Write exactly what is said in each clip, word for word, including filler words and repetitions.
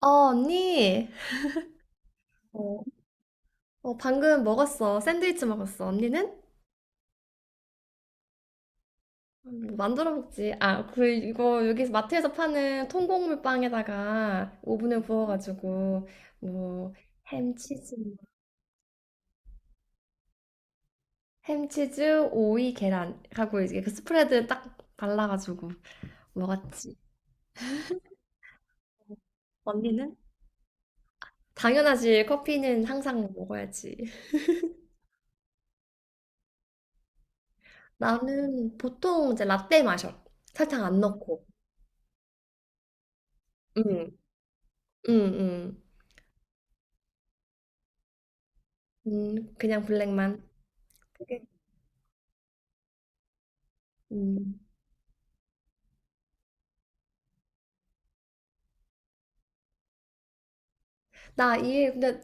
어, 언니. 어, 어, 방금 먹었어. 샌드위치 먹었어. 언니는? 음, 만들어 먹지. 아, 그, 이거 여기 마트에서 파는 통곡물 빵에다가 오븐에 구워가지고, 뭐, 햄치즈. 햄치즈, 오이, 계란. 하고 이제 그 스프레드 딱 발라가지고 먹었지. 언니는? 당연하지. 커피는 항상 먹어야지. 나는 보통 이제 라떼 마셔. 설탕 안 넣고. 응, 응, 응. 음, 그냥 블랙만. 그게- 음. 나 이해, 근데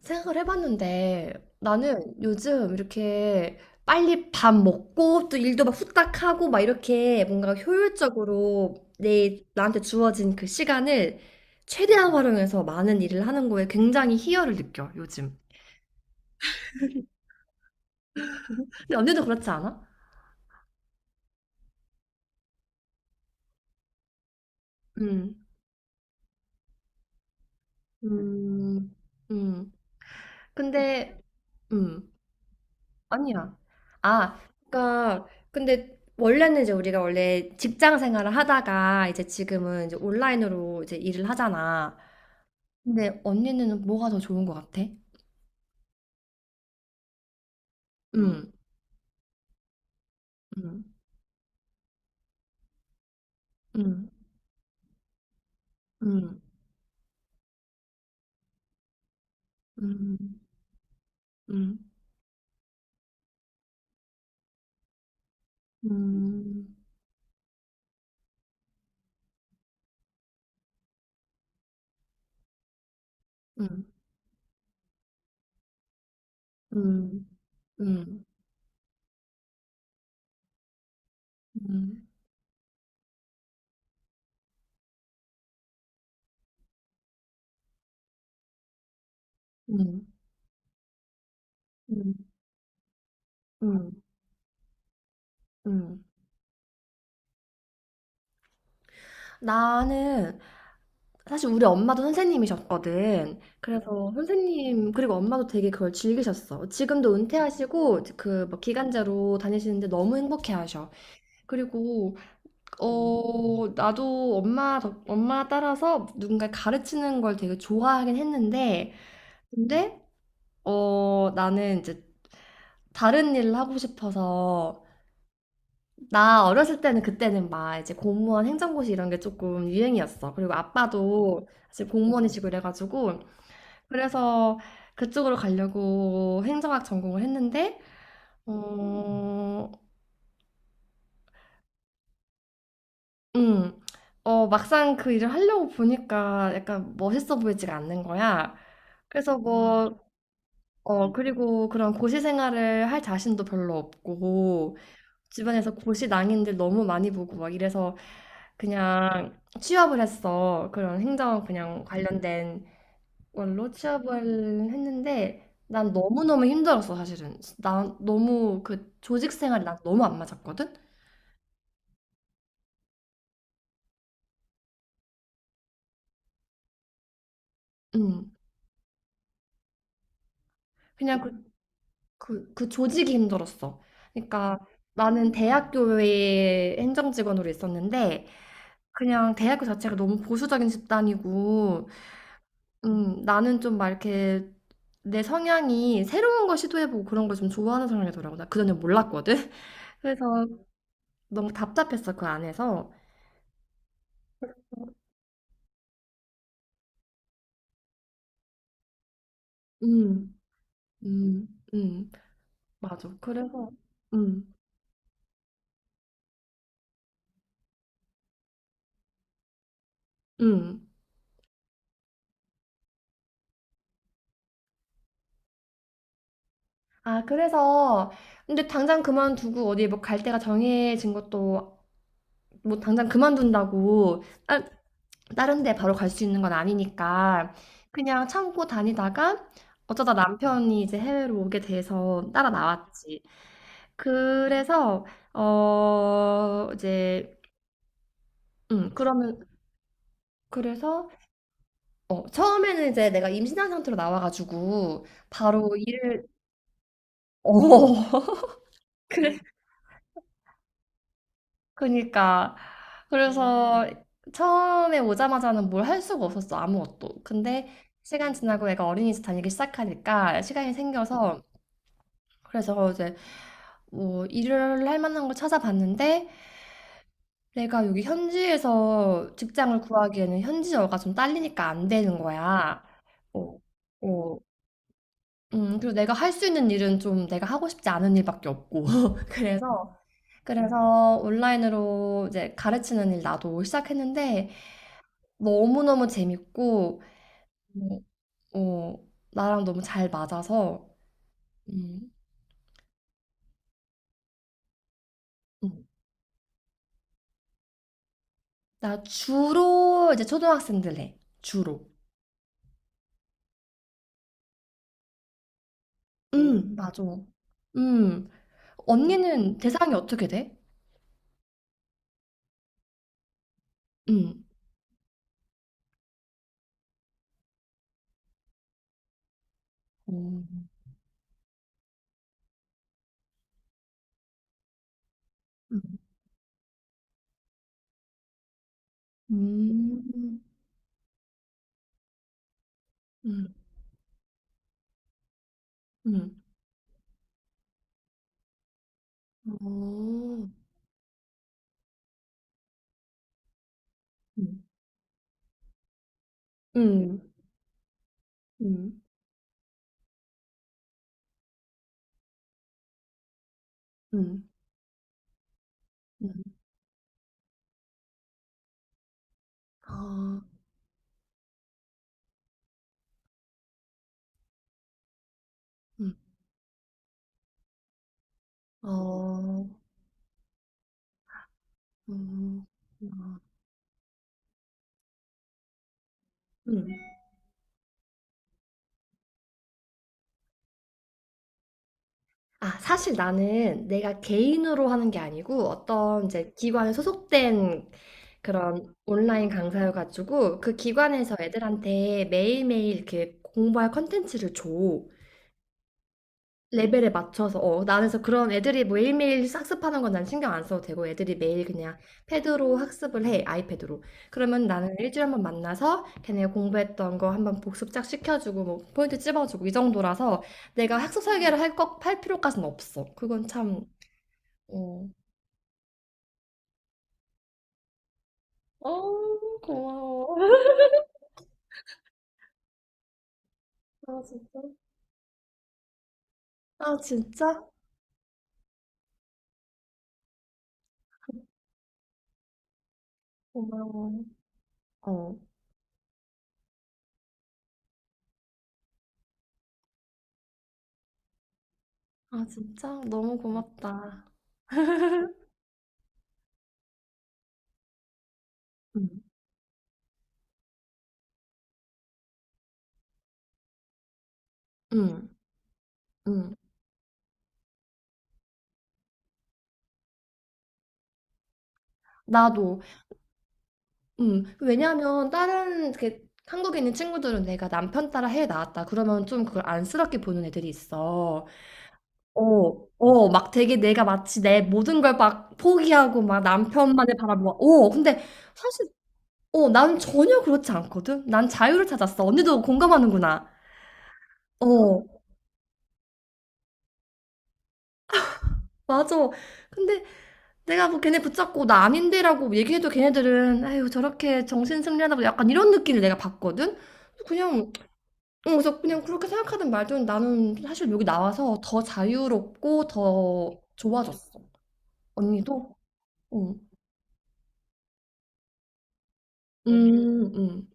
생각을 해봤는데 나는 요즘 이렇게 빨리 밥 먹고 또 일도 막 후딱 하고 막 이렇게 뭔가 효율적으로 내, 나한테 주어진 그 시간을 최대한 활용해서 많은 일을 하는 거에 굉장히 희열을 느껴, 요즘. 근데 언니도 그렇지 않아? 음. 음. 음. 근데, 음. 아니야. 아, 그러니까 근데 원래는 이제 우리가 원래 직장 생활을 하다가 이제 지금은 이제 온라인으로 이제 일을 하잖아. 근데 언니는 뭐가 더 좋은 것 같아? 음, 음, 음, 음, 음, 음, 음, 음, 음, 음, 음, 음, 음, 음. 나는 사실 우리 엄마도 선생님이셨거든. 그래서 음. 선생님, 그리고 엄마도 되게 그걸 즐기셨어. 지금도 은퇴하시고, 그, 뭐 기간제로 다니시는데 너무 행복해 하셔. 그리고, 어, 나도 엄마, 덕- 엄마 따라서 누군가 가르치는 걸 되게 좋아하긴 했는데, 근데, 어, 나는 이제 다른 일을 하고 싶어서, 나 어렸을 때는 그때는 막 이제 공무원 행정고시 이런 게 조금 유행이었어. 그리고 아빠도 사실 공무원이시고 이래가지고, 그래서 그쪽으로 가려고 행정학 전공을 했는데, 어, 음, 어, 막상 그 일을 하려고 보니까 약간 멋있어 보이지가 않는 거야. 그래서 뭐, 어, 그리고 그런 고시 생활을 할 자신도 별로 없고, 주변에서 고시 낭인들 너무 많이 보고 막 이래서 그냥 취업을 했어. 그런 행정 그냥 관련된 원로 취업을 했는데 난 너무너무 힘들었어. 사실은 난 너무 그 조직 생활이 난 너무 안 맞았거든. 음. 그냥 그, 그, 그 조직이 힘들었어. 그러니까 나는 대학교에 행정직원으로 있었는데 그냥 대학교 자체가 너무 보수적인 집단이고 음, 나는 좀 막 이렇게 내 성향이 새로운 걸 시도해보고 그런 걸 좀 좋아하는 성향이더라고. 나 그전에 몰랐거든. 그래서 너무 답답했어, 그 안에서. 음. 음, 음. 맞아. 그래서, 음, 음. 아, 그래서, 근데 당장 그만두고 어디 뭐 갈 데가 정해진 것도, 뭐 당장 그만둔다고, 아, 다른 데 바로 갈 수 있는 건 아니니까, 그냥 참고 다니다가, 어쩌다 남편이 이제 해외로 오게 돼서 따라 나왔지. 그래서, 어, 이제, 음, 그러면, 그래서, 어, 처음에는 이제 내가 임신한 상태로 나와가지고, 바로 일을, 어, 그래. 그니까 그래서 음, 처음에 오자마자는 뭘 할 수가 없었어, 아무것도. 근데 시간 지나고 애가 어린이집 다니기 시작하니까 시간이 생겨서 그래서 이제 뭐 일을 할 만한 걸 찾아봤는데 내가 여기 현지에서 직장을 구하기에는 현지어가 좀 딸리니까 안 되는 거야. 어, 어. 음, 그리고 내가 할 수 있는 일은 좀 내가 하고 싶지 않은 일밖에 없고 그래서 그래서 온라인으로 이제 가르치는 일 나도 시작했는데 뭐 너무너무 재밌고, 뭐, 어, 어, 나랑 너무 잘 맞아서, 음, 음. 나 주로 이제 초등학생들 해. 주로. 음, 음. 맞아. 음, 언니는 대상이 어떻게 돼? 음, 어, 음, 음, 음, 음, 어, 음, 음, 음, 음, 아, 음. 아, 음, 어, 음. 음. 아, 사실 나는 내가 개인으로 하는 게 아니고 어떤 이제 기관에 소속된 그런 온라인 강사여가지고 그 기관에서 애들한테 매일매일 이렇게 공부할 컨텐츠를 줘. 레벨에 맞춰서. 어, 나는 그래서 그런 애들이 매일매일 학습하는 건 난 신경 안 써도 되고 애들이 매일 그냥 패드로 학습을 해, 아이패드로. 그러면 나는 일주일에 한 번 만나서 걔네가 공부했던 거 한번 복습 쫙 시켜주고 뭐 포인트 찝어주고 이 정도라서 내가 학습 설계를 할, 거, 할 필요까지는 없어. 그건 참 어. 어, 고마워. 아, 진짜? 아, 진짜? 고마워. 어. 아, 진짜? 너무 고맙다. 응, 응, 응. 나도. 응. 왜냐면, 다른, 이렇게, 한국에 있는 친구들은 내가 남편 따라 해 나왔다. 그러면 좀 그걸 안쓰럽게 보는 애들이 있어. 어, 어, 막 되게 내가 마치 내 모든 걸 막 포기하고 막 남편만을 바라보고. 어, 근데 사실, 어, 난 전혀 그렇지 않거든? 난 자유를 찾았어. 언니도 공감하는구나. 어, 맞아. 근데 내가 뭐 걔네 붙잡고 나 아닌데라고 얘기해도 걔네들은 아유 저렇게 정신 승리하다고 약간 이런 느낌을 내가 받거든. 그냥 어, 그래서 그냥 그렇게 생각하든 말든 나는 사실 여기 나와서 더 자유롭고 더 좋아졌어. 언니도? 응. 음, 음,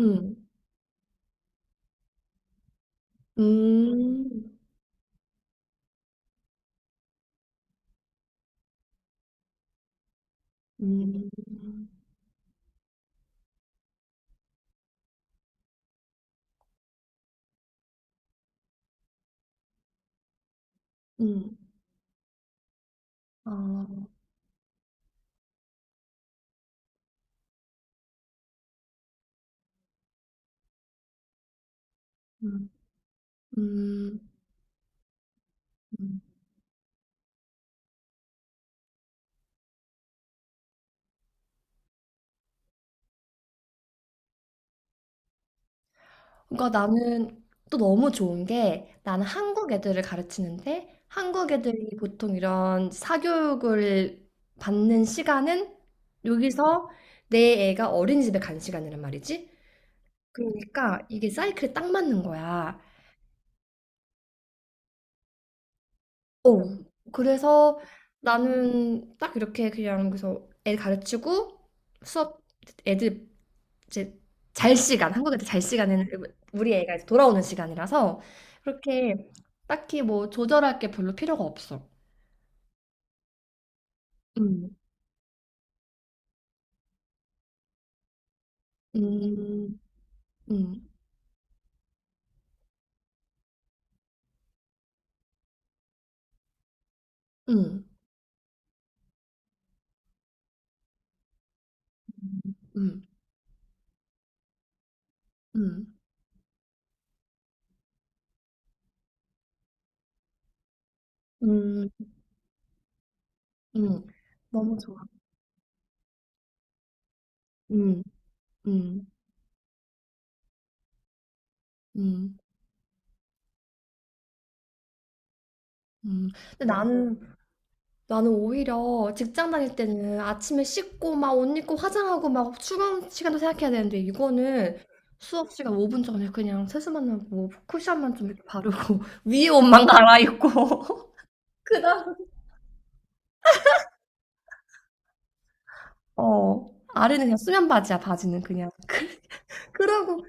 음, 음, 음, 음, 아, 음, 음. 음. 그러니까 나는 또 너무 좋은 게 나는 한국 애들을 가르치는데 한국 애들이 보통 이런 사교육을 받는 시간은 여기서 내 애가 어린이집에 간 시간이란 말이지. 그러니까 이게 사이클에 딱 맞는 거야. 어. 그래서 나는 딱 이렇게 그냥 그래서 애 가르치고 수업 애들 이제 잘 시간, 한국에 잘 시간에는 우리 애가 이제 돌아오는 시간이라서 그렇게 딱히 뭐 조절할 게 별로 필요가 없어. 음, 음, 음, 음, 음, 음, 음, 음. 너무 좋아. 음, 음, 음, 음. 근데 나는 나는 오히려 직장 다닐 때는 아침에 씻고 막 옷 입고 화장하고 막 출근 시간도 생각해야 되는데 이거는 수업 시간 오 분 전에 그냥 세수만 하고 쿠션만 좀 이렇게 바르고 위에 옷만 갈아입고 그다음 어, 아래는 그냥 수면 바지야. 바지는 그냥 그- 그러고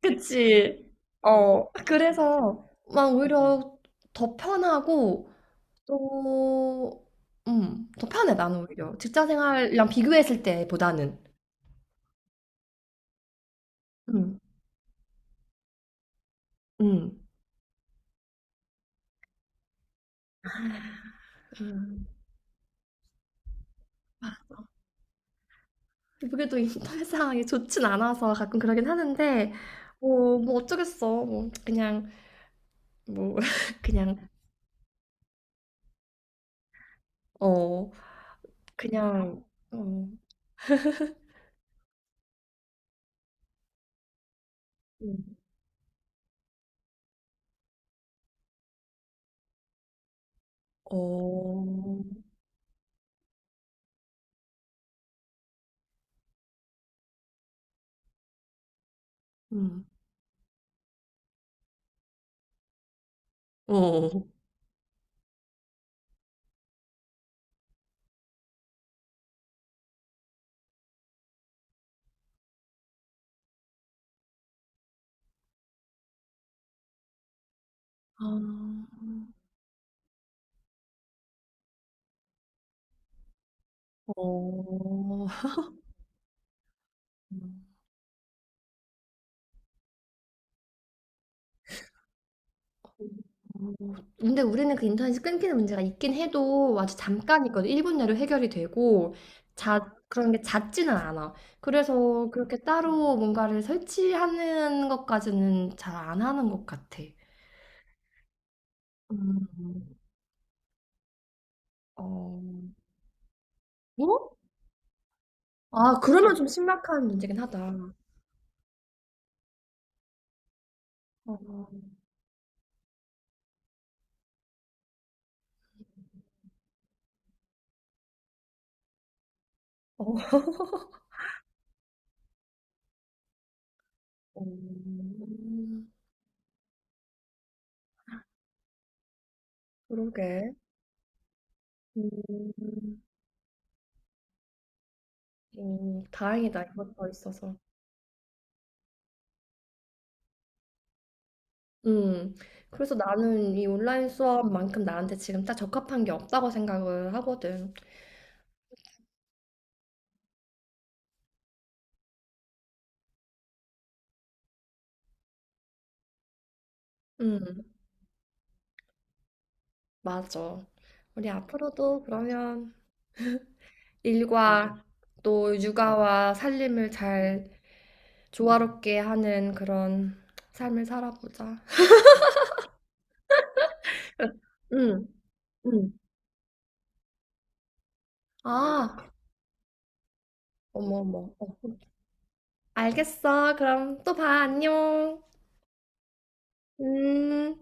그치. 어 그래서 막 오히려 더 편하고 또 음 더 편해. 나는 오히려 직장 생활이랑 비교했을 때보다는 음. 음. 음. 그게 또 인터넷 상황이 좋진 않아서 가끔 그러긴 하는데, 뭐 뭐 어쩌겠어. 뭐, 그냥, 뭐, 그냥, 어, 그냥, 어, 음, 어, 음, 어, 아, 어, 어, 근데 우리는 그 인터넷이 끊기는 문제가 있긴 해도 아주 잠깐이거든. 일 분 내로 해결이 되고, 자, 그런 게 잦지는 않아. 그래서 그렇게 따로 뭔가를 설치하는 것까지는 잘 안 하는 것 같아. 음, 어, 뭐? 아, 그러면 좀 심각한 문제긴 하다. 어, 어, 음, 그러게. 음, 음, 다행이다, 이것도 있어서. 음, 그래서 나는 이 온라인 수업만큼 나한테 지금 딱 적합한 게 없다고 생각을 하거든. 음, 맞아. 우리 앞으로도 그러면 일과 또 육아와 살림을 잘 조화롭게 하는 그런 삶을 살아보자. 음, 음. 아, 어머, 어머. 어. 알겠어. 그럼 또 봐. 안녕. 음.